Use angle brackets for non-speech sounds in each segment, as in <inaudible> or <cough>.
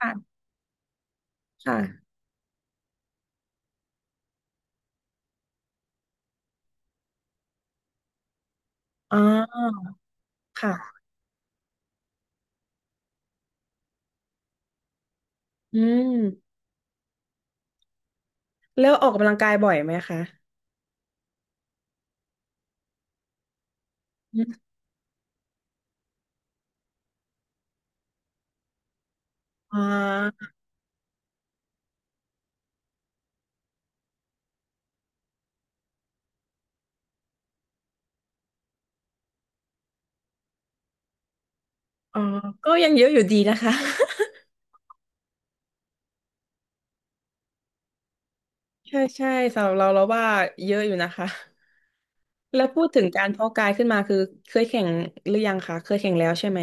ค่ะค่ะอ๋ออืมแล้วออกกำลังกายบ่อยไหมคะอืมอ๋าอ่าก็ยังเยอะอยู่ดีนะคะ ใช่ใช่สำหรับเราเราว่าเยอะอยู่นะคะแล้วพูดถึงการเพาะกายขึ้นมาคือเคยแข่งหรือยังคะเคยแข่งแล้วใช่ไหม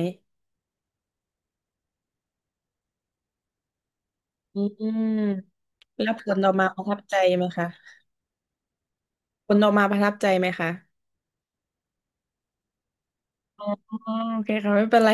อืมแล้วผลออกมาประทับใจไหมคะผลออกมาประทับใจไหมคะอ๋อโอเคค่ะไม่เป็นไร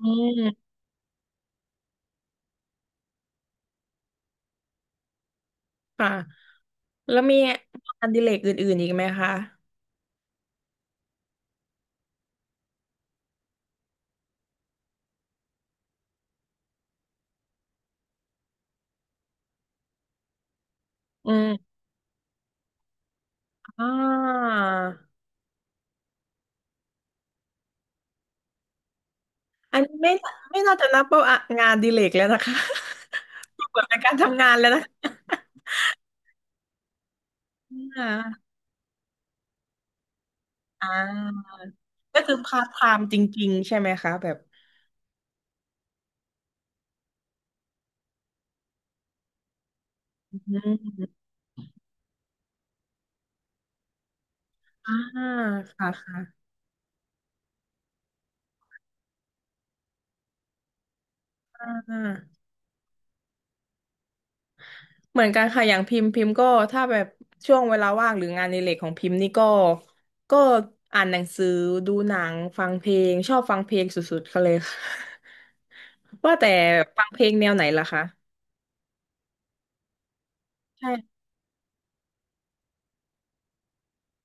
อืมค่ะแล้วมีงานอดิเรกอื่นๆอีกไหมคะอืมอ่า อันนี้ไม่น่าจะนับว่างานอดิเลกแล้วนะคะ <laughs> ดูเหิดนเป็นการทำงานแล้วนะะอ่าอ่าก็คือพาร์ทไทม์จริงๆใช่ไหมคะแบบอืมอ่าค่ะค่ะอ่าเหมือนกันค่ะอย่างพิมพ์พิมพ์ก็ถ้าแบบช่วงเวลาว่างหรืองานในเหล็กของพิมพ์นี่ก็ก็อ่านหนังสือดูหนังฟังเพลงชอบฟังเพลงสุดๆเขาเลยค่ะ <laughs> ว่าแต่ฟังเพลงแนวไหนล่ะคะใช่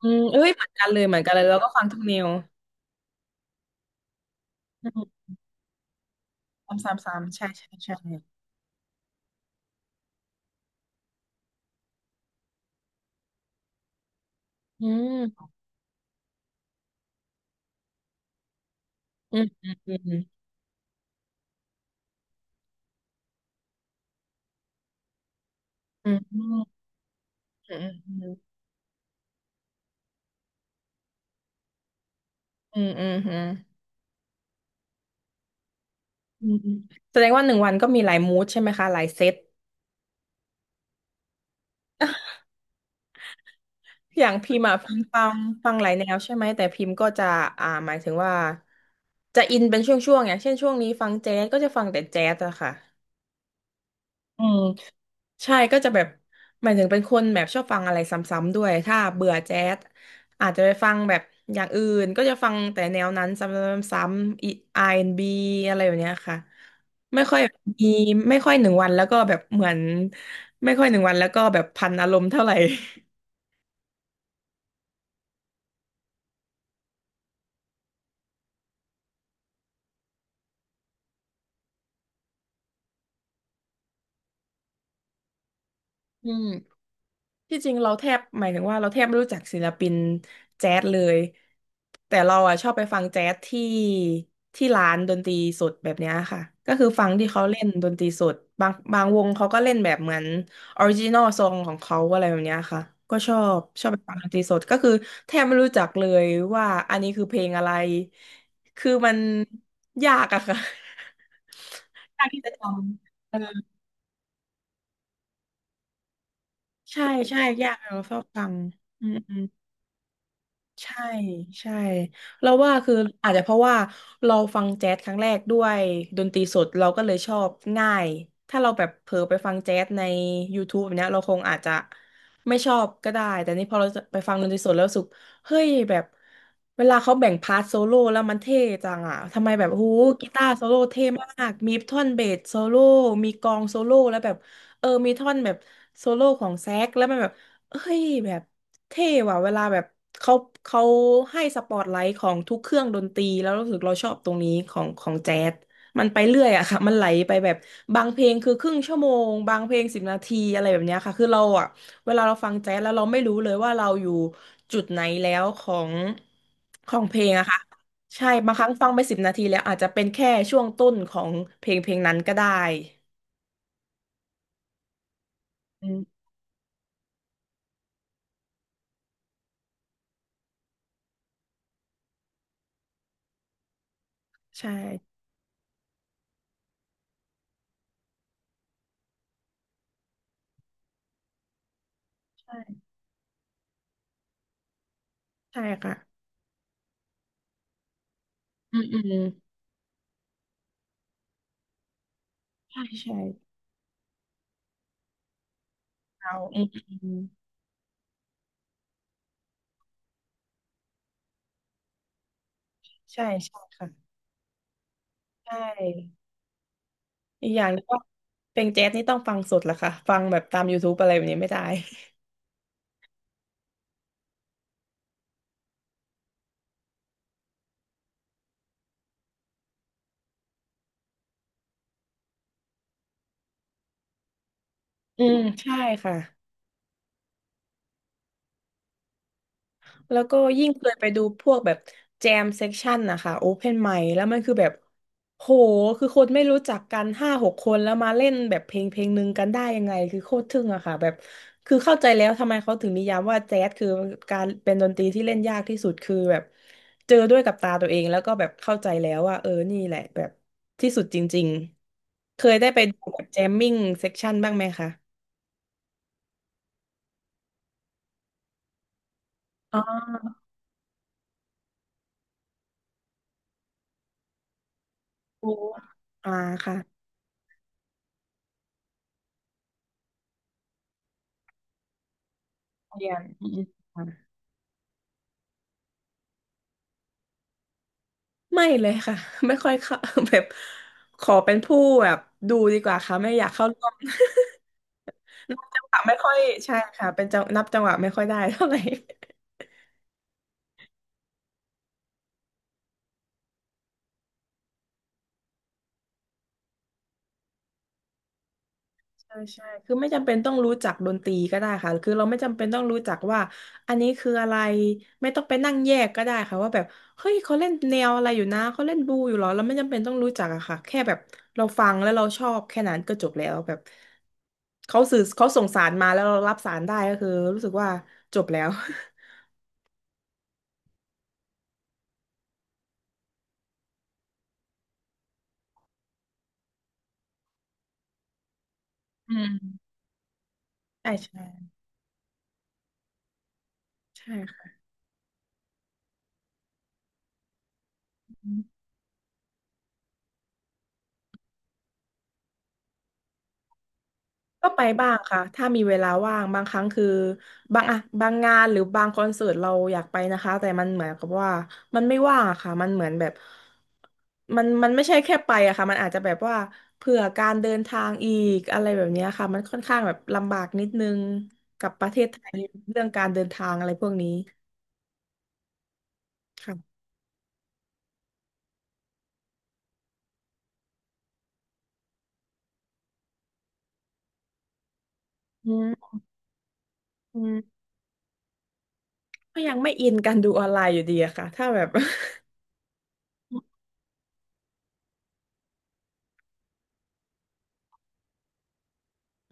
อืมเอ้ยเหมือนกันเลยเหมือนกันเลยแล้วก็ฟังทุกแนวอืมซ้ำซ้ำๆๆใช่ใช่ใช่อืมอืมอืมอืมอืมอืมอืมอืมอืมอืมอืมอืมแสดงว่าหนึ่งวันก็มีหลายมูดใช่ไหมคะหลายเซตอย่างพิมพ์อ่ะพิมพ์ฟังฟังหลายแนวใช่ไหมแต่พิมพ์ก็จะอ่าหมายถึงว่าจะอินเป็นช่วงๆอย่างเช่นช่วงนี้ฟังแจ๊สก็จะฟังแต่แจ๊สอะค่ะอืม ใช่ก็จะแบบหมายถึงเป็นคนแบบชอบฟังอะไรซ้ำๆด้วยถ้าเบื่อแจ๊สอาจจะไปฟังแบบอย่างอื่นก็จะฟังแต่แนวนั้นซ้ำๆๆอีอาร์แอนด์บีอะไรแบบเนี้ยค่ะไม่ค่อยมีไม่ค่อยหนึ่งวันแล้วก็แบบเหมือนไม่ค่อยหนึ่งวันแล้วก็แบบพันอารมณ์เท่าไหร่อืม ที่จริงเราแทบหมายถึงว่าเราแทบไม่รู้จักศิลปินแจ๊สเลยแต่เราอ่ะชอบไปฟังแจ๊สที่ที่ร้านดนตรีสดแบบเนี้ยค่ะก็คือฟังที่เขาเล่นดนตรีสดบางบางวงเขาก็เล่นแบบเหมือนออริจินอลซองของเขาอะไรแบบเนี้ยค่ะก็ชอบชอบไปฟังดนตรีสดก็คือแทบไม่รู้จักเลยว่าอันนี้คือเพลงอะไรคือมันยากอะค่ะ <laughs> ยากที่จะจำเออใช่ใช่ยากเราชอบฟังอืม ใช่ใช่เราว่าคืออาจจะเพราะว่าเราฟังแจ๊สครั้งแรกด้วยดนตรีสดเราก็เลยชอบง่ายถ้าเราแบบเผลอไปฟังแจ๊สใน YouTube แบบเนี้ยเราคงอาจจะไม่ชอบก็ได้แต่นี่พอเราไปฟังดนตรีสดแล้วรู้สึกเฮ้ยแบบเวลาเขาแบ่งพาร์ทโซโล่แล้วมันเท่จังอ่ะทำไมแบบหูกีตาร์โซโล่เท่มากมีท่อนเบสโซโล่มีกลองโซโล่แล้วแบบเออมีท่อนแบบโซโล่ของแซกแล้วมันแบบเอ้ยแบบ เท่ว่ะเวลาแบบเขาเขาให้สปอตไลท์ของทุกเครื่องดนตรีแล้วรู้สึกเราชอบตรงนี้ของของแจ๊สมันไปเรื่อยอะค่ะมันไหลไปแบบบางเพลงคือครึ่งชั่วโมงบางเพลงสิบนาทีอะไรแบบเนี้ยค่ะคือเราอะเวลาเราฟังแจ๊สแล้วเราไม่รู้เลยว่าเราอยู่จุดไหนแล้วของของเพลงอะค่ะใช่บางครั้งฟังไปสิบนาทีแล้วอาจจะเป็นแค่ช่วงต้นของเพลงเพลงนั้นก็ได้อืมใช่ใช่ใช่ค่ะอืมอืมใช่ใช่เราอืมอืม ใช่ใช่ค่ะใช่อีกอย่างหนึงก็เพลงแจ๊สนี่ต้องฟังสดแหละค่ะฟังแบบตาม YouTube อะไรแบบนี้ไม่ได้อืมใช่ค่ะ แล้วก็ยิ่งเคยไปดูพวกแบบแจมเซ็กชันนะคะโอเพนไมค์แล้วมันคือแบบโหคือคนไม่รู้จักกันห้าหกคนแล้วมาเล่นแบบเพลงเพลงหนึ่งกันได้ยังไงคือโคตรทึ่งอะค่ะแบบคือเข้าใจแล้วทำไมเขาถึงนิยามว่าแจ๊สคือการเป็นดนตรีที่เล่นยากที่สุดคือแบบเจอด้วยกับตาตัวเองแล้วก็แบบเข้าใจแล้วว่าเออนี่แหละแบบที่สุดจริงๆเคยได้ไปดูแบบแจมมิ่งเซ็กชันบ้างไหมคะอ๋อโออ่าค่ะเรียนอืมอืม ไม่เลยค่ะ <laughs> ไม่ค่อยเข้า <laughs> แบบขอเป็นผู้แบบดูดีกว่าค่ะไม่อยากเข้าร่วม <laughs> นับจังหวะไม่ค่อยใช่ค่ะเป็นจังนับจังหวะไม่ค่อยได้เท่าไหร่ ใช่ใช่ คือไม่จำเป็นต้องรู้จักดนตรีก็ได้ค่ะคือเราไม่จำเป็นต้องรู้จักว่าอันนี้คืออะไรไม่ต้องไปนั่งแยกก็ได้ค่ะว่าแบบเฮ้ยเขาเล่นแนวอะไรอยู่นะเขาเล่นบลูอยู่เหรอเราไม่จำเป็นต้องรู้จักอะค่ะแค่แบบเราฟังแล้วเราชอบแค่นั้นก็จบแล้วแบบเขาสื่อเขาส่งสารมาแล้วเรารับสารได้ก็คือรู้สึกว่าจบแล้ว <laughs> อืม <laughs> ใช่ใช่ใช่ค่ะ ก็ไปบ้างค่ะถ้ามีเวลาว่างบางครั้งคือบางอะบางงานหรือบางคอนเสิร์ตเราอยากไปนะคะแต่มันเหมือนกับว่ามันไม่ว่างอะค่ะมันเหมือนแบบมันไม่ใช่แค่ไปอะค่ะมันอาจจะแบบว่าเผื่อการเดินทางอีกอะไรแบบเนี้ยค่ะมันค่อนข้างแบบลำบากนิดนึงกับประเทศไทยเรื่องการเดินทางอะไรพวกนี้ค่ะอืมอืมก็ยังไม่อินกันดูออนไลน์อยู่ดีอะค่ะถ้าแบบ <laughs>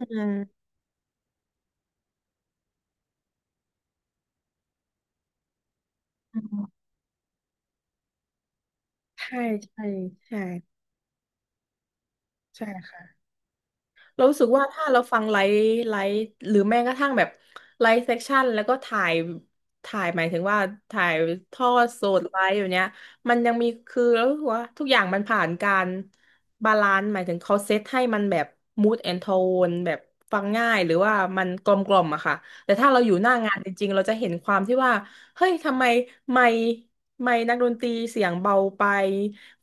อืมอืมใช่ใช่ใช่ใช่ค่ะ เรารู้สึกว่าถ้าเราฟังไลฟ์ไลฟ์หรือแม้กระทั่งแบบไลฟ์เซสชั่นแล้วก็ถ่ายถ่ายหมายถึงว่าถ่ายทอดสดไลฟ์อย่างเนี้ยมันยังมีคือเรารู้สึกว่าทุกอย่างมันผ่านการบาลานซ์หมายถึงเขาเซตให้มันแบบ mood and tone แบบฟังง่ายหรือว่ามันกลมกล่อมอะค่ะแต่ถ้าเราอยู่หน้างานจริงๆเราจะเห็นความที่ว่าเฮ้ยทำไมไม่ไม่นักดนตรีเสียงเบาไป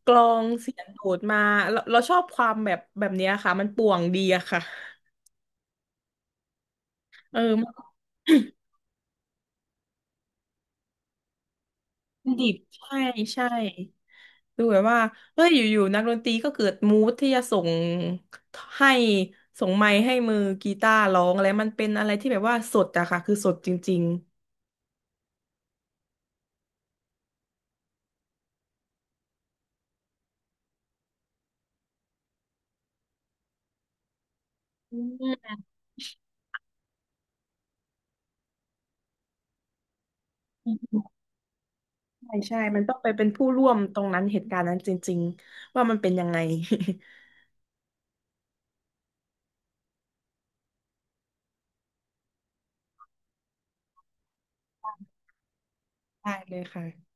กลองเสียงโดดมาเราเราชอบความแบบเนี้ยค่ะมันป่วงดีอะค่ะเออมัน <coughs> ดิบใช่ใช่ดูแบบว่าเฮ้ยอยู่ๆนักดนตรีก็เกิดมูดที่จะส่งให้ส่งไมค์ให้มือกีตาร์ร้องอะไรมันเป็นอะไรที่แบบว่าสดอะค่ะคือสดจริงๆอืมใช่ใช่มันต้องไปเป็นผู้ร่วมตรงนั้นเหตุการณ์นั้นจริงๆว่ามันเป็นยังไง <laughs> ได้เลยค่ะ